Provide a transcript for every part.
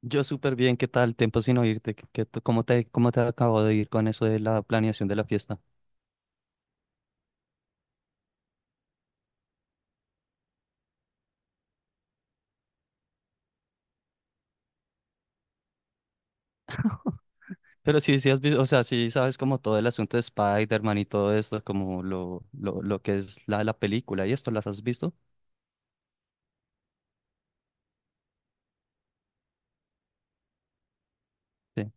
Yo súper bien, ¿qué tal? Tiempo sin oírte. ¿Cómo te acabo de ir con eso de la planeación de la fiesta? Pero sí, sí has visto, o sea, sí sabes como todo el asunto de Spider-Man y todo esto, como lo que es la película y esto, ¿las has visto? Sí.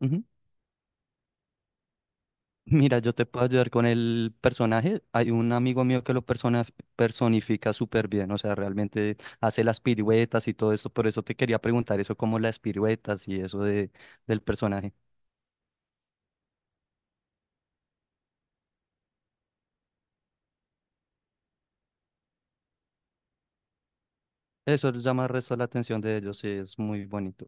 Ujú. Mira, yo te puedo ayudar con el personaje. Hay un amigo mío que lo personifica súper bien, o sea, realmente hace las piruetas y todo eso. Por eso te quería preguntar eso, como las piruetas y eso del personaje. Eso llama el resto la atención de ellos, sí, es muy bonito.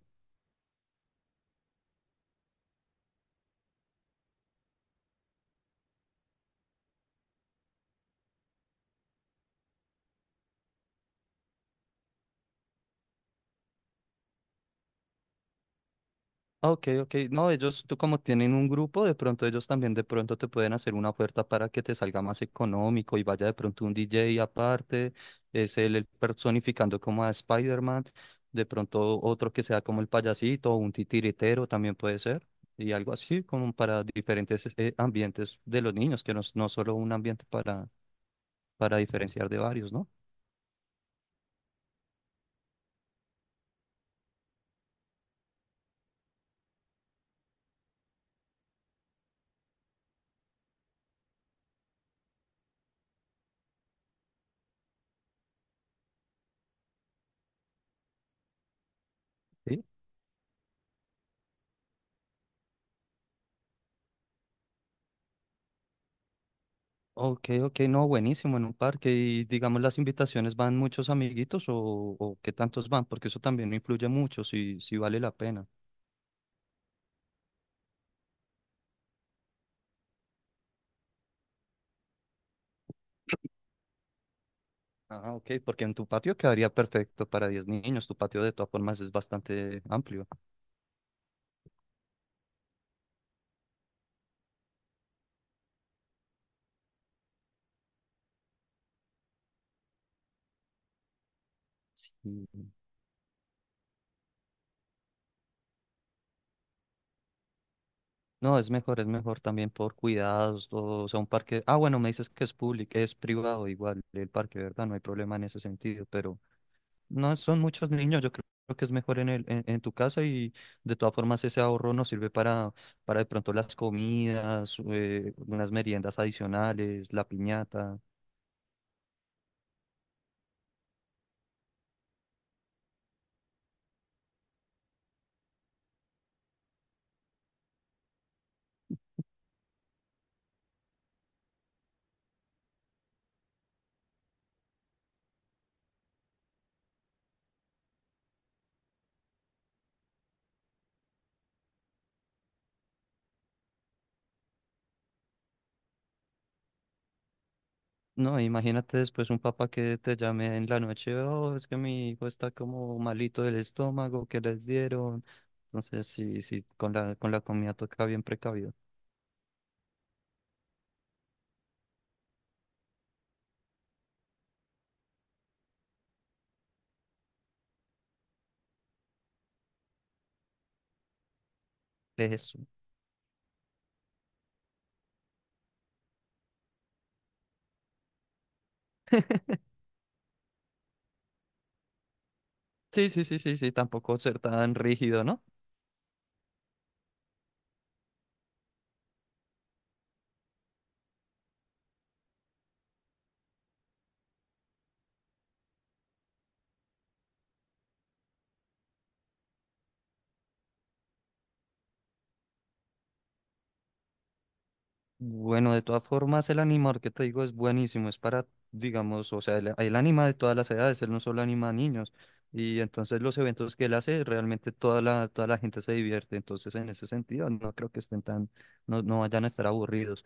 Ok, ok. No, ellos, tú como tienen un grupo, de pronto ellos también de pronto te pueden hacer una oferta para que te salga más económico y vaya de pronto un DJ aparte, es él el personificando como a Spider-Man, de pronto otro que sea como el payasito o un titiritero también puede ser, y algo así como para diferentes ambientes de los niños, que no, no solo un ambiente para diferenciar de varios, ¿no? Sí. Ok, ok, no, buenísimo, en un parque. Y digamos, las invitaciones van muchos amiguitos o qué tantos van, porque eso también influye mucho si vale la pena. Ah, ok, porque en tu patio quedaría perfecto para 10 niños, tu patio de todas formas es bastante amplio. Sí. No, es mejor también por cuidados, todo, o sea, un parque. Ah, bueno, me dices que es público, es privado igual el parque, ¿verdad? No hay problema en ese sentido, pero no son muchos niños, yo creo que es mejor en tu casa y de todas formas ese ahorro nos sirve para de pronto las comidas, unas meriendas adicionales, la piñata. No, imagínate después un papá que te llame en la noche, oh, es que mi hijo está como malito del estómago, que les dieron. Entonces, sí, sí, con la comida toca bien precavido. Eso. Sí, sí, sí, sí, sí, tampoco ser tan rígido, ¿no? Bueno, de todas formas, el animador que te digo es buenísimo, es para, digamos, o sea, él anima de todas las edades, él no solo anima a niños, y entonces los eventos que él hace, realmente toda la gente se divierte, entonces en ese sentido no creo que estén tan, no, no vayan a estar aburridos.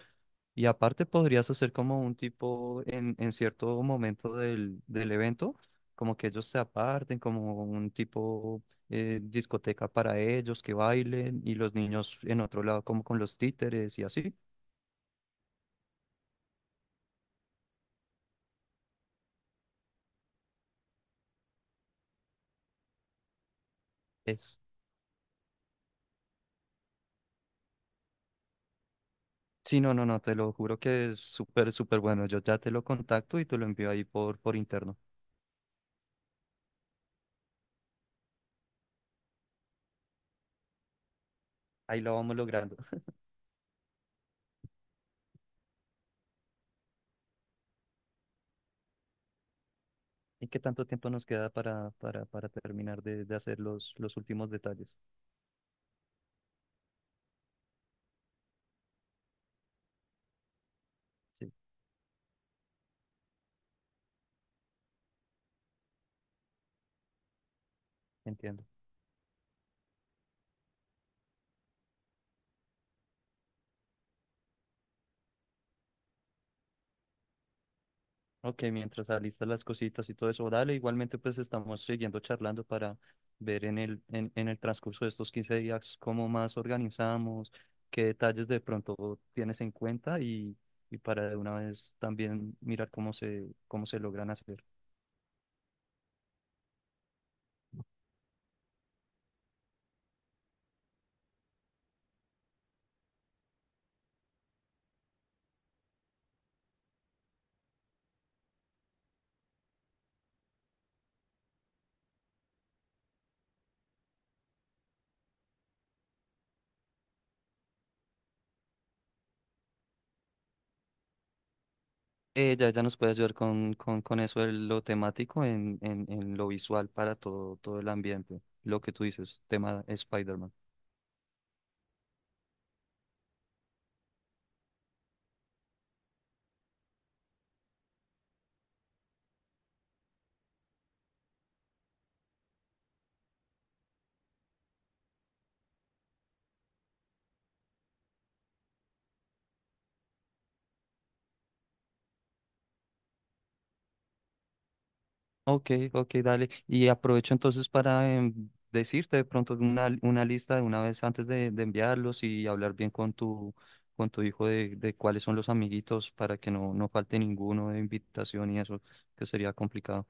Y aparte podrías hacer como un tipo en cierto momento del evento, como que ellos se aparten, como un tipo discoteca para ellos, que bailen, y los niños en otro lado como con los títeres y así. Es, sí, no, no, no, te lo juro que es súper, súper bueno. Yo ya te lo contacto y te lo envío ahí por interno. Ahí lo vamos logrando. ¿Y qué tanto tiempo nos queda para terminar de hacer los últimos detalles? Sí, entiendo. Ok, mientras alistas las cositas y todo eso, dale, igualmente pues estamos siguiendo charlando para ver en el transcurso de estos 15 días cómo más organizamos, qué detalles de pronto tienes en cuenta y para de una vez también mirar cómo se logran hacer. Ya nos puede ayudar con eso de lo temático en lo visual para todo, todo el ambiente. Lo que tú dices, tema Spider-Man. Ok, ok, dale. Y aprovecho entonces para decirte de pronto una lista de una vez antes de enviarlos y hablar bien con tu hijo de cuáles son los amiguitos para que no, no falte ninguno de invitación y eso, que sería complicado.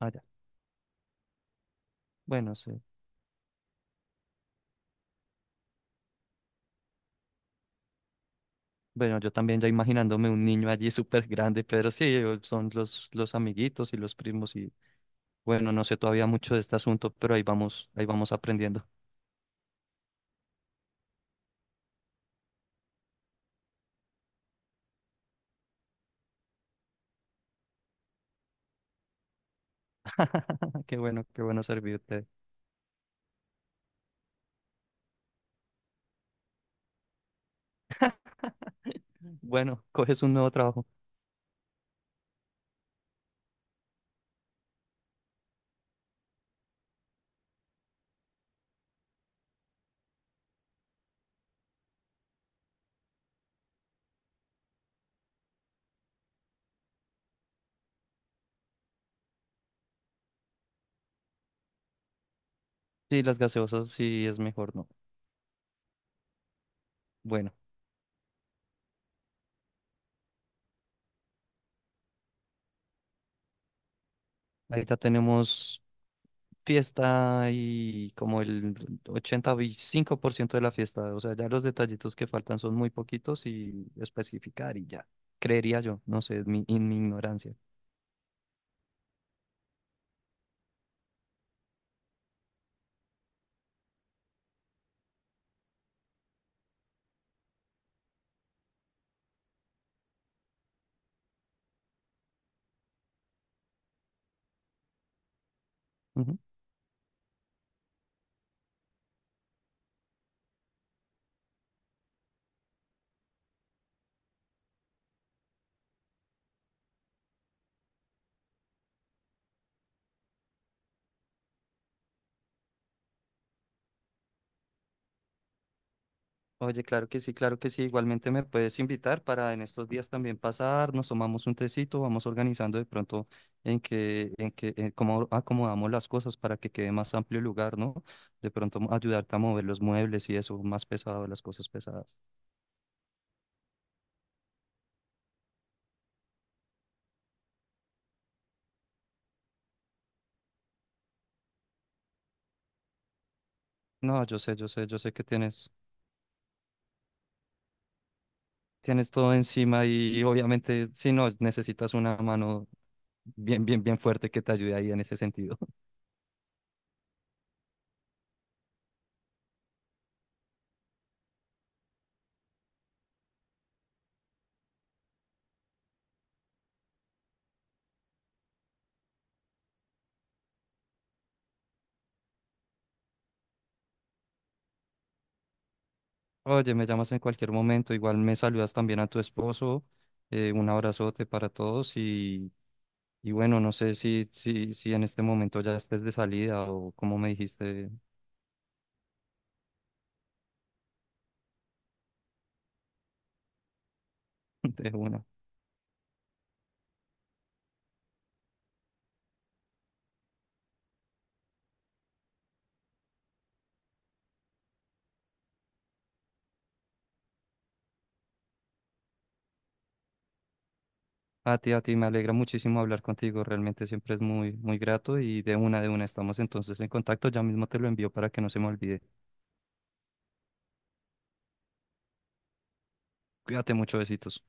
Ah, ya. Bueno, sí. Bueno, yo también ya imaginándome un niño allí súper grande, pero sí, son los amiguitos y los primos y bueno, no sé todavía mucho de este asunto, pero ahí vamos aprendiendo. Qué bueno servirte. Bueno, coges un nuevo trabajo. Sí, las gaseosas sí es mejor, ¿no? Bueno, ahorita tenemos fiesta y como el 85% de la fiesta, o sea, ya los detallitos que faltan son muy poquitos y especificar y ya, creería yo, no sé, en mi ignorancia. Oye, claro que sí, claro que sí. Igualmente me puedes invitar para en estos días también pasar, nos tomamos un tecito, vamos organizando de pronto en cómo acomodamos las cosas para que quede más amplio el lugar, ¿no? De pronto ayudarte a mover los muebles y eso, más pesado, las cosas pesadas. No, yo sé que tienes todo encima y, obviamente, si no, necesitas una mano bien, bien, bien fuerte que te ayude ahí en ese sentido. Oye, me llamas en cualquier momento, igual me saludas también a tu esposo, un abrazote para todos y bueno, no sé si en este momento ya estés de salida o como me dijiste de una. A ti, me alegra muchísimo hablar contigo, realmente siempre es muy, muy grato y de una estamos entonces en contacto, ya mismo te lo envío para que no se me olvide. Cuídate mucho, besitos.